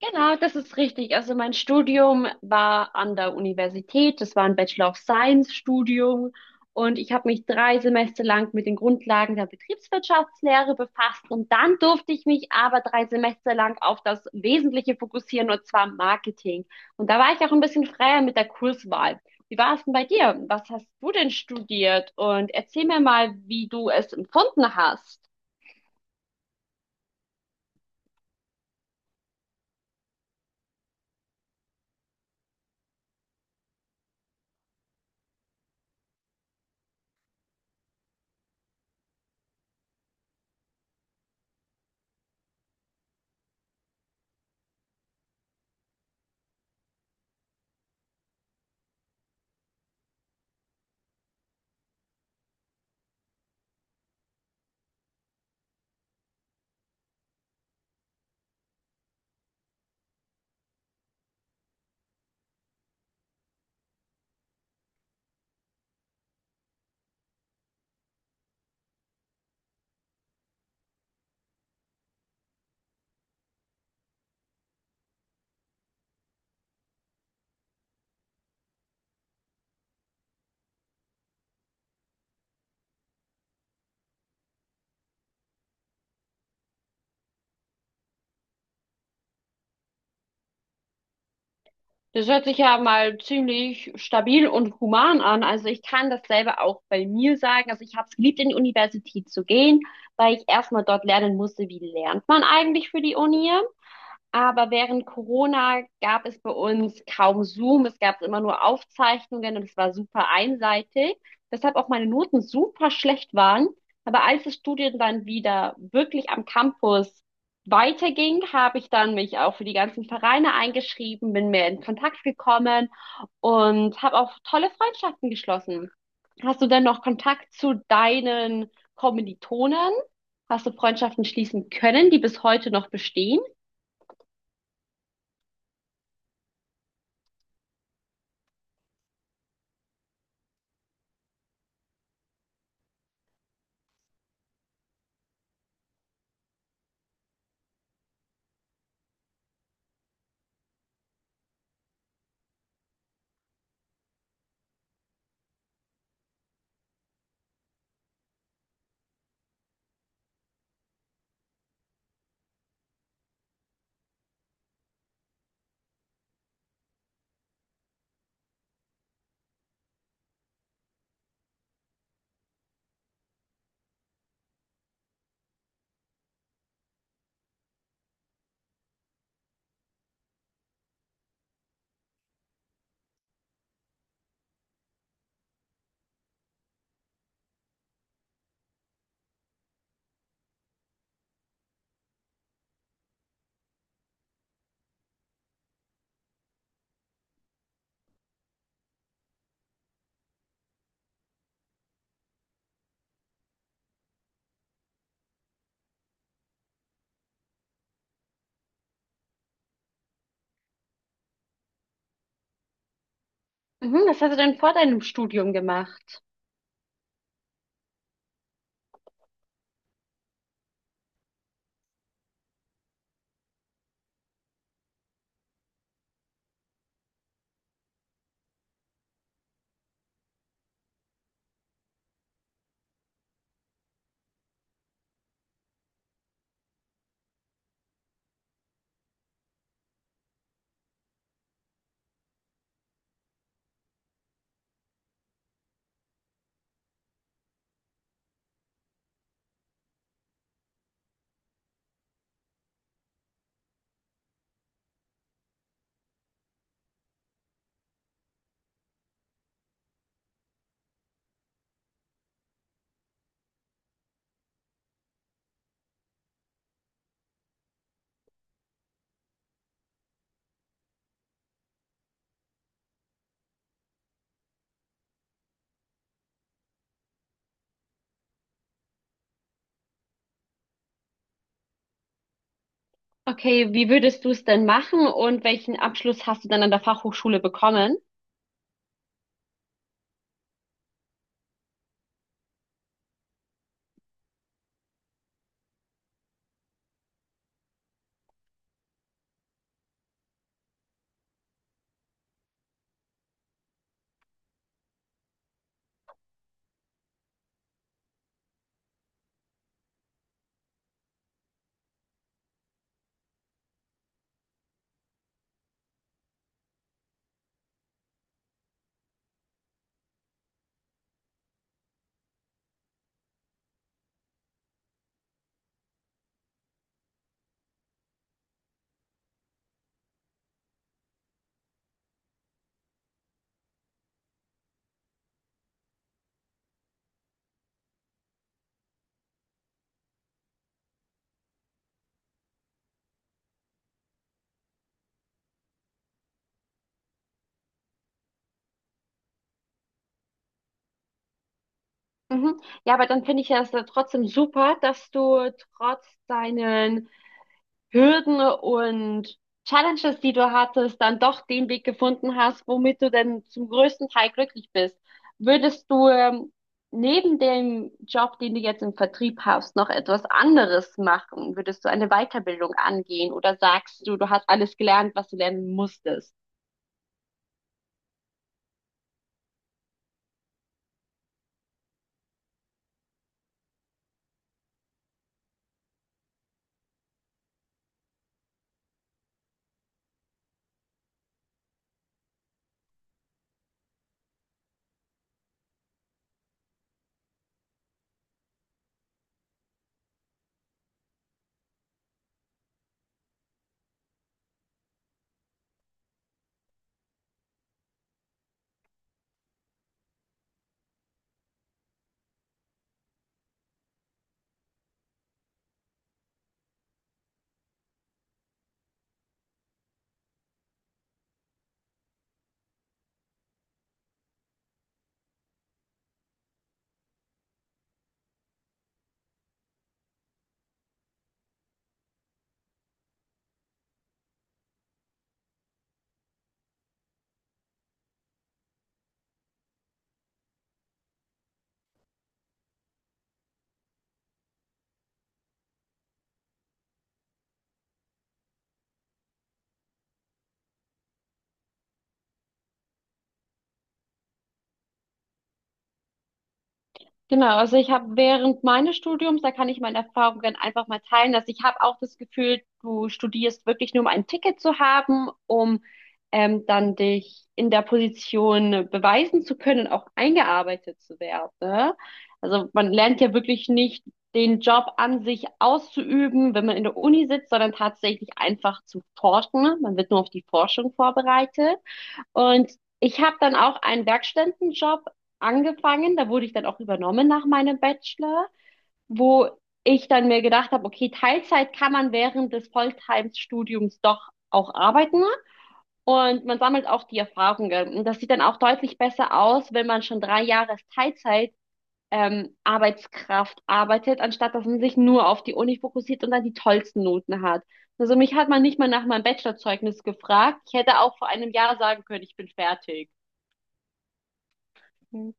Genau, das ist richtig. Also mein Studium war an der Universität. Das war ein Bachelor of Science Studium. Und ich habe mich 3 Semester lang mit den Grundlagen der Betriebswirtschaftslehre befasst. Und dann durfte ich mich aber 3 Semester lang auf das Wesentliche fokussieren, und zwar Marketing. Und da war ich auch ein bisschen freier mit der Kurswahl. Wie war es denn bei dir? Was hast du denn studiert? Und erzähl mir mal, wie du es empfunden hast. Das hört sich ja mal ziemlich stabil und human an. Also ich kann dasselbe auch bei mir sagen. Also ich habe es geliebt, in die Universität zu gehen, weil ich erstmal dort lernen musste, wie lernt man eigentlich für die Uni. Aber während Corona gab es bei uns kaum Zoom, es gab immer nur Aufzeichnungen und es war super einseitig, weshalb auch meine Noten super schlecht waren. Aber als das Studium dann wieder wirklich am Campus weiterging, habe ich dann mich auch für die ganzen Vereine eingeschrieben, bin mehr in Kontakt gekommen und habe auch tolle Freundschaften geschlossen. Hast du denn noch Kontakt zu deinen Kommilitonen? Hast du Freundschaften schließen können, die bis heute noch bestehen? Mhm, was hast du denn vor deinem Studium gemacht? Okay, wie würdest du es denn machen und welchen Abschluss hast du dann an der Fachhochschule bekommen? Mhm. Ja, aber dann finde ich ja es ja trotzdem super, dass du trotz deinen Hürden und Challenges, die du hattest, dann doch den Weg gefunden hast, womit du denn zum größten Teil glücklich bist. Würdest du neben dem Job, den du jetzt im Vertrieb hast, noch etwas anderes machen? Würdest du eine Weiterbildung angehen oder sagst du, du hast alles gelernt, was du lernen musstest? Genau, also ich habe während meines Studiums, da kann ich meine Erfahrungen einfach mal teilen, dass ich habe auch das Gefühl, du studierst wirklich nur, um ein Ticket zu haben, um dann dich in der Position beweisen zu können und auch eingearbeitet zu werden, ne? Also man lernt ja wirklich nicht den Job an sich auszuüben, wenn man in der Uni sitzt, sondern tatsächlich einfach zu forschen. Man wird nur auf die Forschung vorbereitet. Und ich habe dann auch einen Werkstudentenjob angefangen. Da wurde ich dann auch übernommen nach meinem Bachelor, wo ich dann mir gedacht habe, okay, Teilzeit kann man während des Volltime-Studiums doch auch arbeiten. Und man sammelt auch die Erfahrungen. Und das sieht dann auch deutlich besser aus, wenn man schon 3 Jahre als Teilzeit Arbeitskraft arbeitet, anstatt dass man sich nur auf die Uni fokussiert und dann die tollsten Noten hat. Also mich hat man nicht mal nach meinem Bachelorzeugnis gefragt. Ich hätte auch vor einem Jahr sagen können, ich bin fertig. Genau,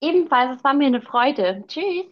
ebenfalls. Es war mir eine Freude. Tschüss.